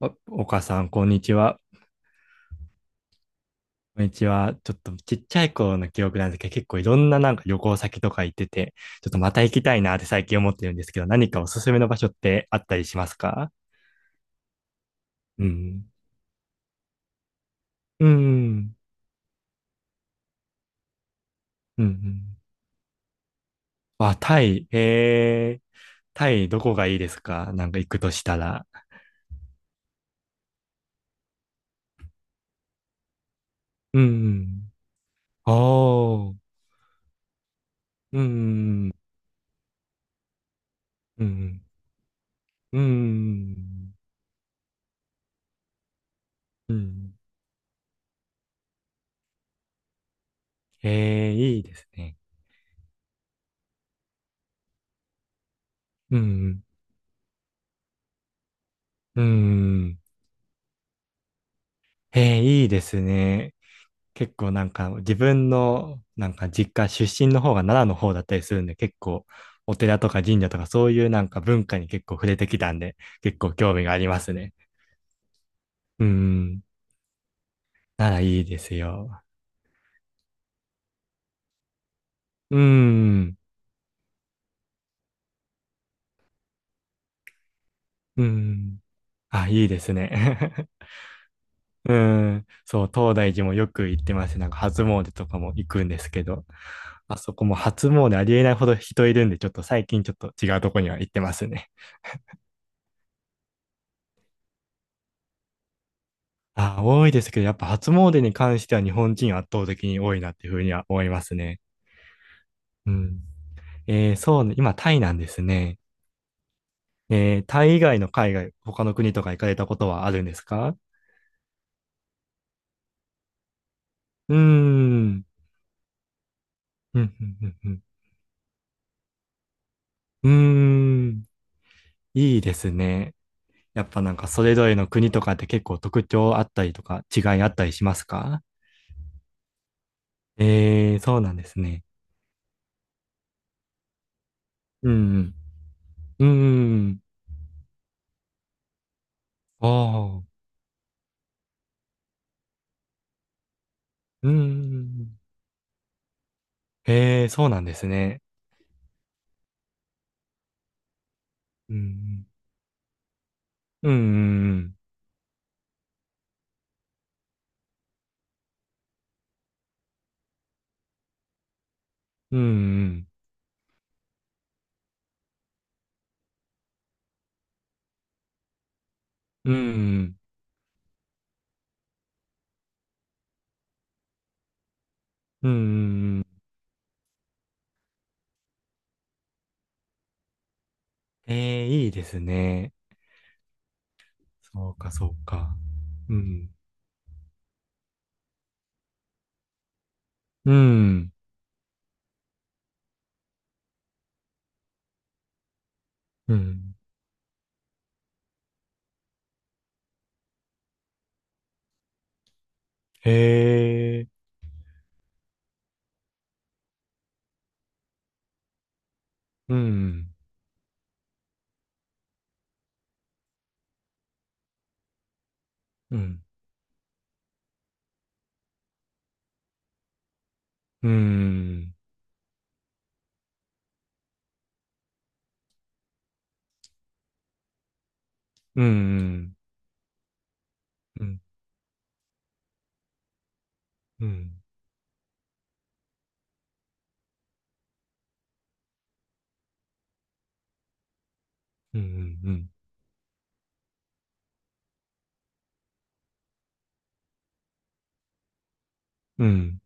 お、お母さん、こんにちは。こんにちは。ちょっとちっちゃい頃の記憶なんですけど、結構いろんななんか旅行先とか行ってて、ちょっとまた行きたいなって最近思ってるんですけど、何かおすすめの場所ってあったりしますか？うん。うん。うんうん。あ、タイ。タイどこがいいですか、なんか行くとしたら？うん。おー。うん。うん。うん。うん。えー、いいですね。うん。うん。えー、いいですね。結構なんか自分のなんか実家出身の方が奈良の方だったりするんで、結構お寺とか神社とか、そういうなんか文化に結構触れてきたんで、結構興味がありますね。うん。奈良いいですよ。うん。うん。あ、いいですね。うん。そう、東大寺もよく行ってますね。なんか初詣とかも行くんですけど、あそこも初詣ありえないほど人いるんで、ちょっと最近ちょっと違うとこには行ってますね。あ、多いですけど、やっぱ初詣に関しては日本人圧倒的に多いなっていうふうには思いますね。うん。えー、そうね、今タイなんですね。えー、タイ以外の海外、他の国とか行かれたことはあるんですか？うーん。うんうんうんうんうーん。いいですね。やっぱなんかそれぞれの国とかって、結構特徴あったりとか違いあったりしますか？えー、そうなんですね。うんうん。うーん。ああ。うん。へえ、そうなんですね。うんうんうん、うん、うん、うん、うん、うん。ええー、いいですね。そうか、そうか。うん、うん、うん。ええ、うん、うん、うん、うん、うん、うん、うん、うん。うん。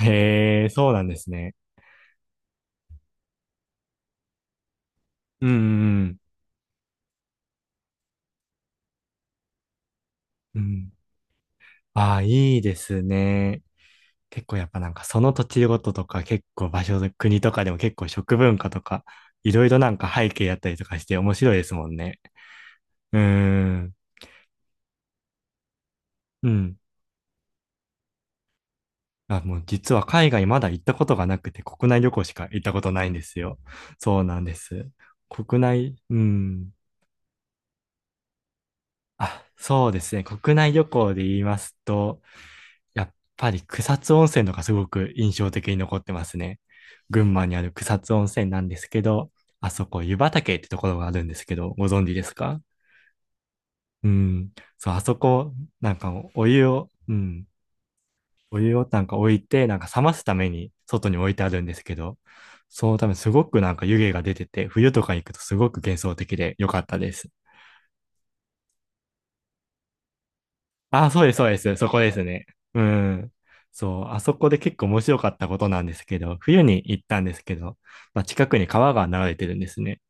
へえ、そうなんですね。うん、うん、うん。ああ、いいですね。結構やっぱなんかその土地ごととか、結構場所、国とかでも結構食文化とか、いろいろなんか背景やったりとかして、面白いですもんね。うーん。うん。あ、もう実は海外まだ行ったことがなくて、国内旅行しか行ったことないんですよ。そうなんです。国内、うん。あ、そうですね。国内旅行で言いますと、やっぱり草津温泉のがすごく印象的に残ってますね。群馬にある草津温泉なんですけど、あそこ湯畑ってところがあるんですけど、ご存知ですか？うん。そう、あそこ、なんかお湯を、うん。お湯をなんか置いて、なんか冷ますために外に置いてあるんですけど、そのためすごくなんか湯気が出てて、冬とか行くとすごく幻想的で良かったです。あ、そうです、そうです。そこですね。うん。そう、あそこで結構面白かったことなんですけど、冬に行ったんですけど、まあ、近くに川が流れてるんですね。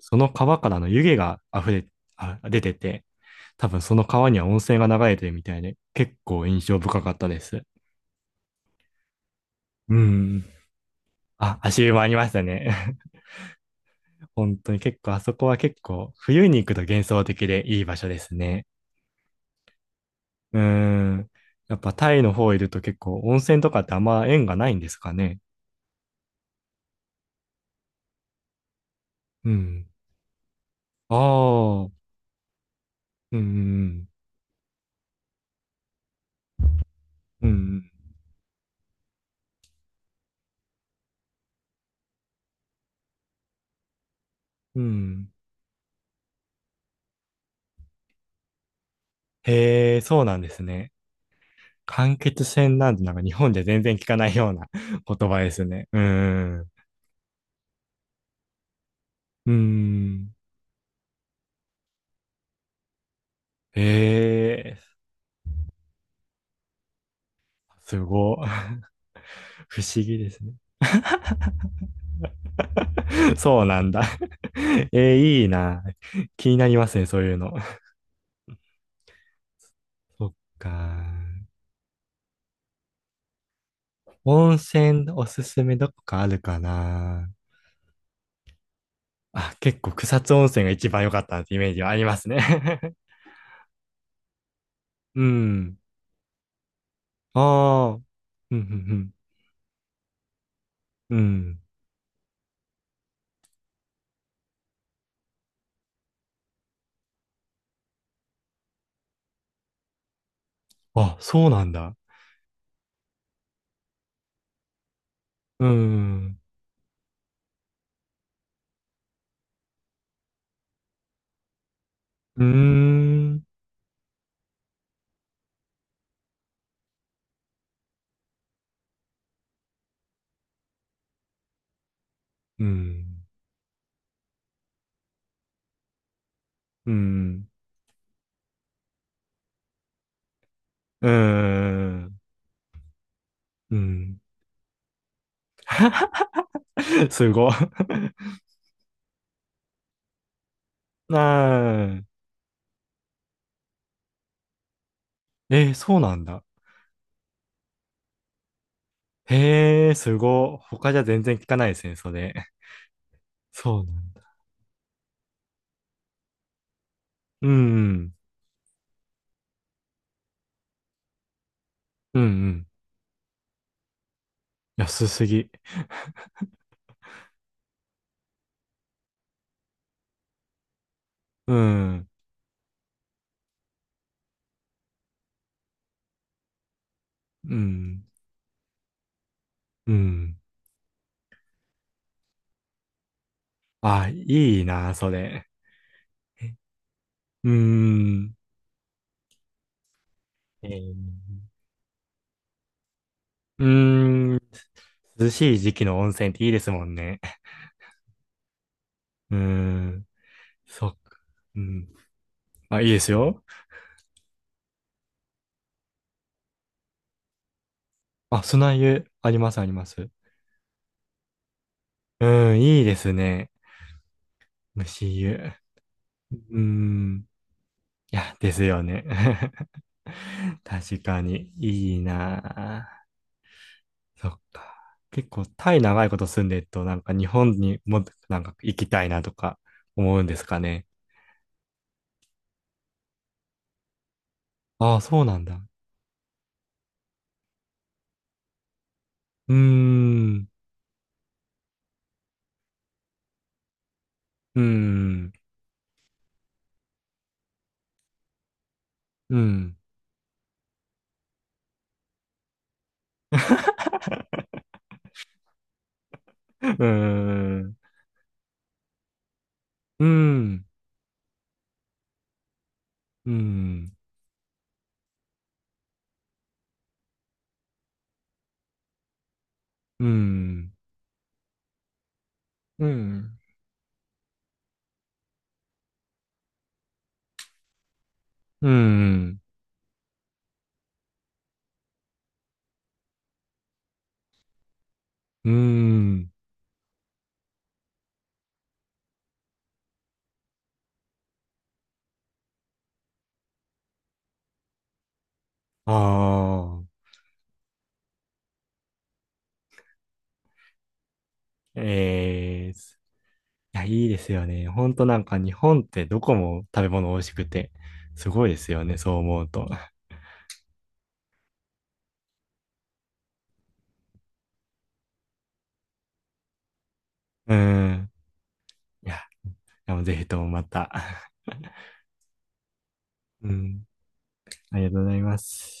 その川からの湯気が溢れ、あ、出てて、多分その川には温泉が流れてるみたいで、結構印象深かったです。うん。あ、足湯もありましたね。本当に結構、あそこは結構、冬に行くと幻想的でいい場所ですね。うん。やっぱタイの方いると、結構温泉とかってあんま縁がないんですかね。うん。ああ、うん、うん、うん。へえ、そうなんですね。間欠泉なんて、なんか日本じゃ全然聞かないような 言葉ですね。うん、うん。へえ、すごい。不思議ですね。そうなんだ。えー、いいな。気になりますね、そういうの。そっか。温泉おすすめ、どこかあるかな。あ、結構草津温泉が一番良かったってイメージはありますね。うん。ああ、うん、うん、うん。うん。あ、そうなんだ。うん。うーん。うん。うん。うん。うん。すごい。なあ。えー、そうなんだ。へえ、すごい。他じゃ全然聞かないですね、それ。そうなんだ。うん。うん。うん。安すぎ。うん。うん。うん。あ、いいな、それ。うん。えー、うーん。涼しい時期の温泉っていいですもんね。うーん。そっか。うん。あ、いいですよ。あ、砂湯、ありますあります。うん、いいですね。蒸し湯。うーん。いや、ですよね。確かに、いいなあ。そっか。結構、タイ長いこと住んでると、なんか日本にも、なんか行きたいなとか思うんですかね。ああ、そうなんだ。うーん。うーん。うん。うーん。うん。うん。うん。うん。うん。うん。ああ。ええーす。いや、いいですよね。ほんとなんか日本ってどこも食べ物美味しくて、すごいですよね、そう思うと。うん。いや、でもぜひともまた。うん。ありがとうございます。